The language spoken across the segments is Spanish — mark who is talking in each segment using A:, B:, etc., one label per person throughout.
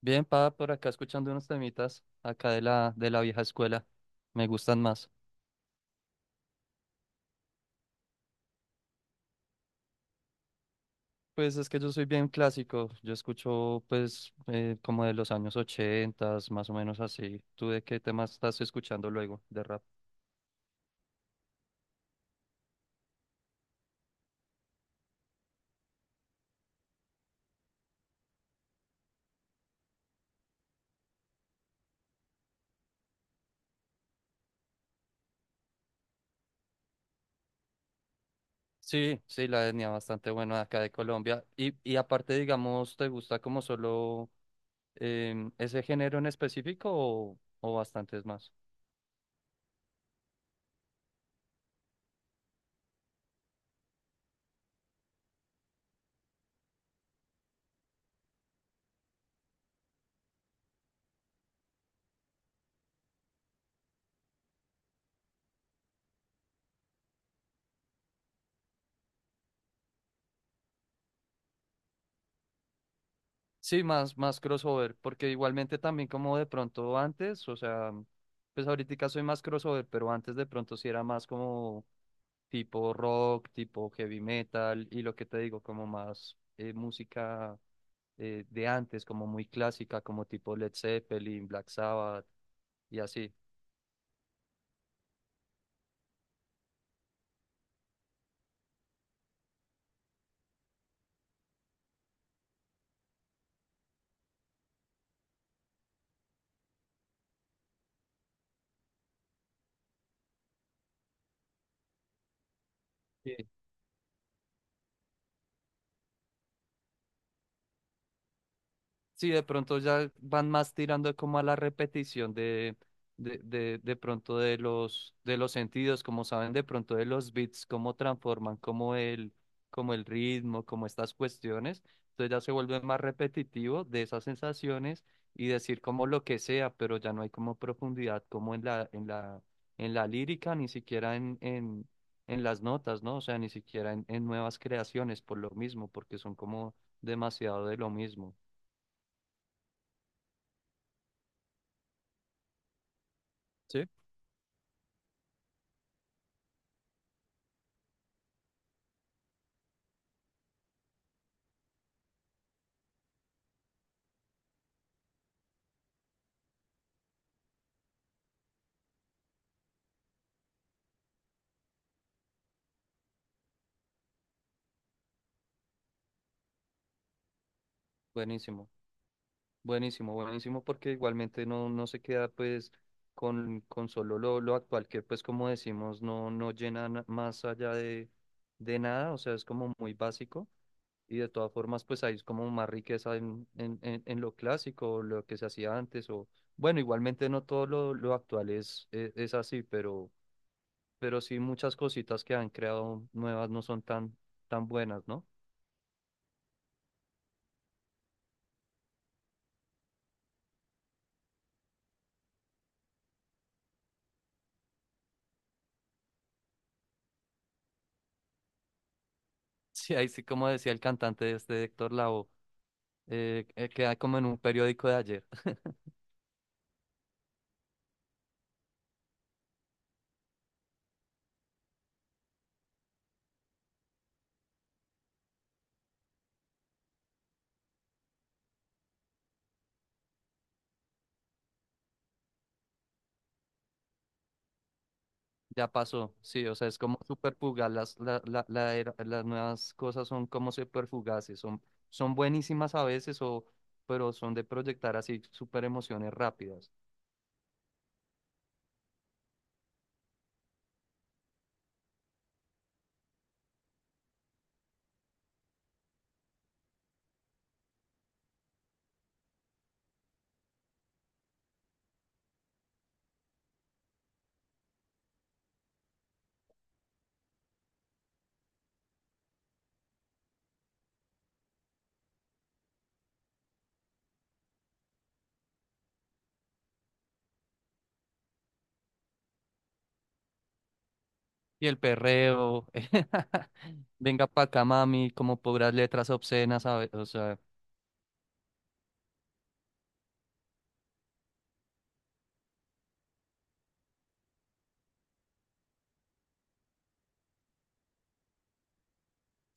A: Bien, pa, por acá escuchando unos temitas acá de la vieja escuela. Me gustan más. Pues es que yo soy bien clásico. Yo escucho, pues, como de los años ochentas, más o menos así. ¿Tú de qué temas estás escuchando luego de rap? Sí, sí, la etnia bastante buena acá de Colombia. Y aparte, digamos, ¿te gusta como solo ese género en específico o bastantes más? Sí, más, más crossover, porque igualmente también como de pronto antes, o sea, pues ahorita soy más crossover, pero antes de pronto sí era más como tipo rock, tipo heavy metal, y lo que te digo, como más música de antes, como muy clásica, como tipo Led Zeppelin, Black Sabbath, y así. Sí, de pronto ya van más tirando como a la repetición de pronto de los sentidos, como saben de pronto de los beats, cómo transforman, como el ritmo, como estas cuestiones. Entonces ya se vuelve más repetitivo de esas sensaciones y decir como lo que sea, pero ya no hay como profundidad como en la lírica, ni siquiera en las notas, ¿no? O sea, ni siquiera en nuevas creaciones por lo mismo, porque son como demasiado de lo mismo. Buenísimo, buenísimo, buenísimo, porque igualmente no, no se queda pues con solo lo actual, que pues como decimos, no, no llena más allá de nada, o sea, es como muy básico y de todas formas pues hay como más riqueza en lo clásico, o lo que se hacía antes, o bueno, igualmente no todo lo actual es así, pero sí muchas cositas que han creado nuevas no son tan, tan buenas, ¿no? Sí, ahí sí como decía el cantante de este Héctor Lavoe. Que hay como en un periódico de ayer. Ya pasó, sí, o sea, es como súper fugaz. Las, la- la- la era- Las nuevas cosas son como súper fugaces, son, son buenísimas a veces, o, pero son de proyectar así súper emociones rápidas. Y el perreo, venga pa' acá, mami, como puras letras obscenas, o sea,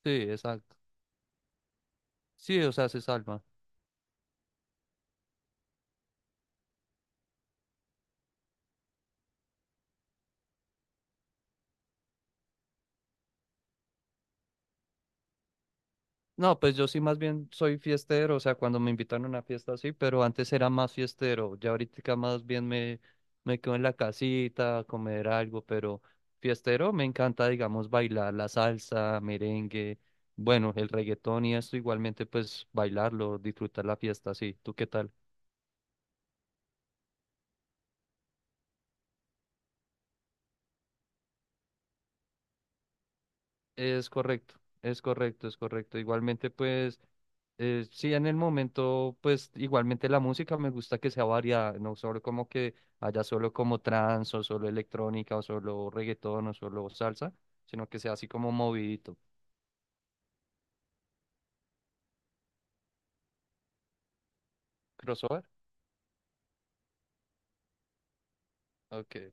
A: sí, exacto. Sí, o sea, se salva. No, pues yo sí más bien soy fiestero, o sea, cuando me invitan a una fiesta así, pero antes era más fiestero, ya ahorita más bien me quedo en la casita a comer algo, pero fiestero me encanta, digamos, bailar la salsa, merengue, bueno, el reggaetón y esto igualmente pues bailarlo, disfrutar la fiesta, sí, ¿tú qué tal? Es correcto, es correcto, es correcto. Igualmente, pues, sí, en el momento, pues, igualmente la música me gusta que sea variada, no solo como que haya solo como trance o solo electrónica o solo reggaetón o solo salsa, sino que sea así como movidito. ¿Crossover? Ok.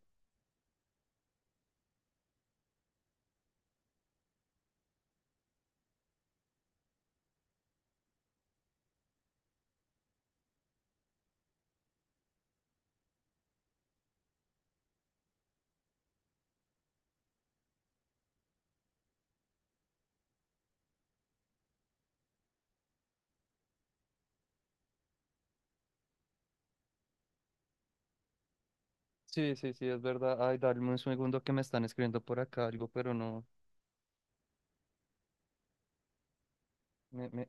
A: Sí, sí, sí, es verdad. Ay, dame un segundo que me están escribiendo por acá algo, pero no. Me, me...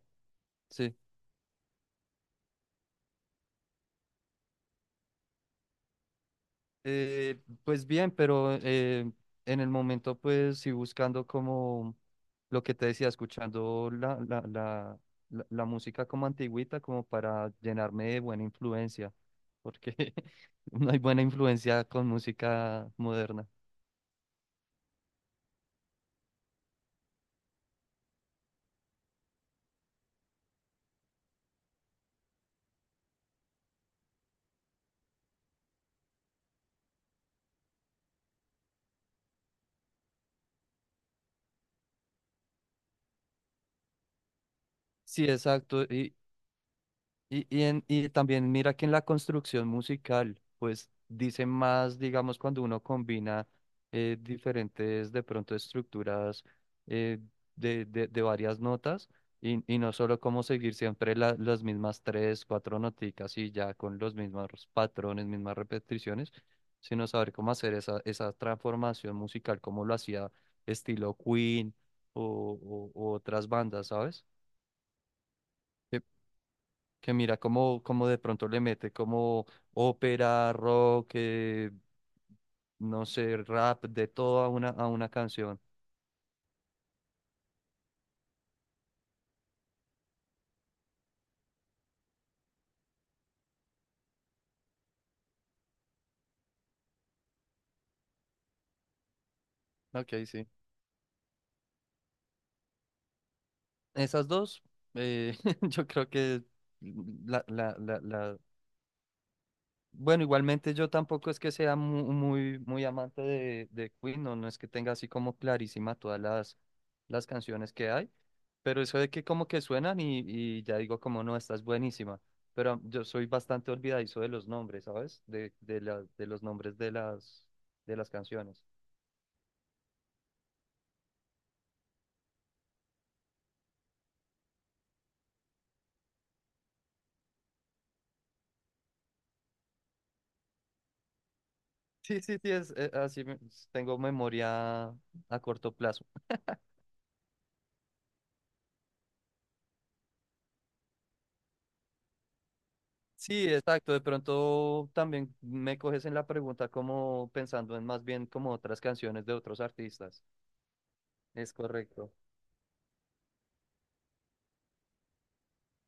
A: Sí. Eh, pues bien, pero en el momento pues sí buscando como lo que te decía, escuchando la música como antigüita, como para llenarme de buena influencia, porque no hay buena influencia con música moderna. Sí, exacto. Y también mira que en la construcción musical, pues dice más, digamos, cuando uno combina diferentes, de pronto, estructuras eh, de varias notas y no solo como seguir siempre las mismas tres, cuatro noticas y ya con los mismos patrones, mismas repeticiones, sino saber cómo hacer esa transformación musical, como lo hacía estilo Queen o u otras bandas, ¿sabes? Que mira cómo, cómo de pronto le mete como ópera, rock, no sé, rap, de todo a a una canción. Ok, sí. Esas dos, yo creo que la, la, la, la- bueno, igualmente yo tampoco es que sea muy, muy amante de Queen, no, no es que tenga así como clarísima todas las canciones que hay, pero eso de que como que suenan y ya digo como no, esta es buenísima, pero yo soy bastante olvidadizo de los nombres, ¿sabes? De los nombres de de las canciones. Sí, sí, sí, es, tengo memoria a corto plazo. Sí, exacto. De pronto también me coges en la pregunta como pensando en más bien como otras canciones de otros artistas. Es correcto.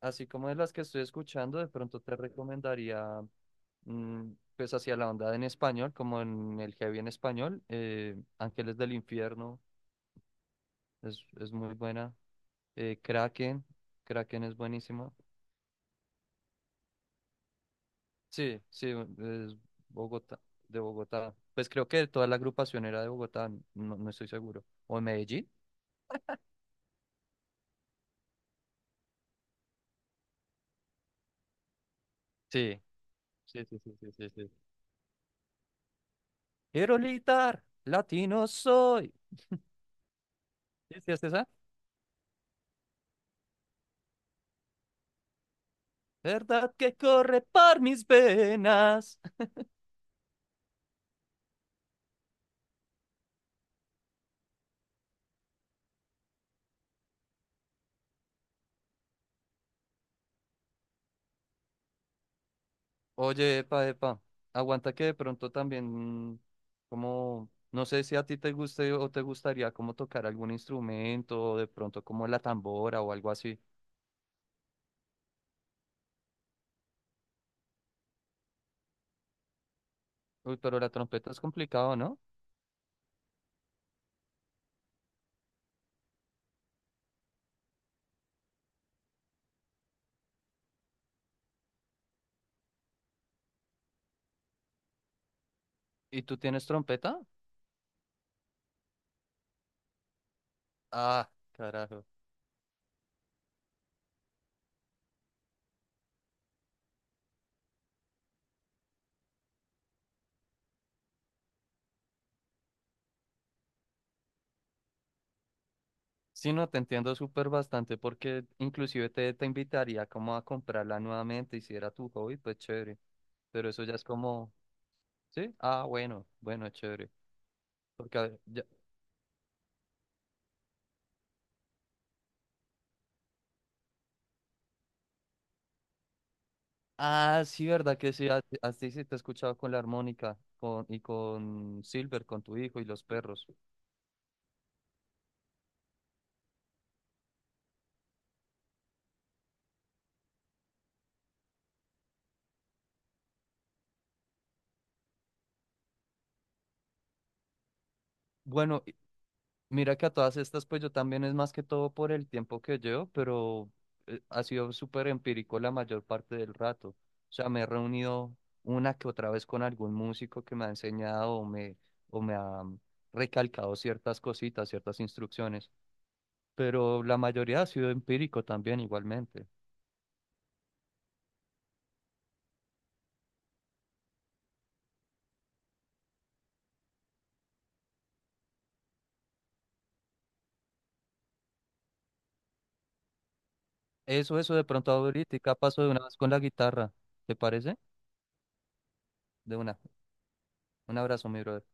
A: Así como de las que estoy escuchando, de pronto te recomendaría, mm, pues hacia la onda en español, como en el heavy en español, Ángeles del Infierno es muy buena. Kraken, Kraken es buenísima. Sí, sí, es Bogotá, de Bogotá. Pues creo que toda la agrupación era de Bogotá, no, no estoy seguro. ¿O de Medellín? Sí, sí, sí, sí, sí, sí, sí. Quiero gritar, latino soy. ¿Sí, sí, es esa? ¿Verdad que corre por mis venas? Oye, epa, epa, aguanta que de pronto también, como, no sé si a ti te guste o te gustaría como tocar algún instrumento, o de pronto como la tambora o algo así. Uy, pero la trompeta es complicado, ¿no? ¿Y tú tienes trompeta? Ah, carajo. Sí, no, te entiendo súper bastante porque inclusive te invitaría como a comprarla nuevamente y si era tu hobby, pues chévere. Pero eso ya es como, ¿sí? Ah, bueno, bueno, chévere. Porque, a ver, ya- Ah, sí, verdad que sí, a ti sí sí, te he escuchado con la armónica con, y con Silver, con tu hijo y los perros. Bueno, mira que a todas estas, pues yo también es más que todo por el tiempo que llevo, pero ha sido súper empírico la mayor parte del rato. O sea, me he reunido una que otra vez con algún músico que me ha enseñado o me ha recalcado ciertas cositas, ciertas instrucciones, pero la mayoría ha sido empírico también igualmente. Eso de pronto ahorita paso de una vez con la guitarra, ¿te parece? De una. Un abrazo, mi brother.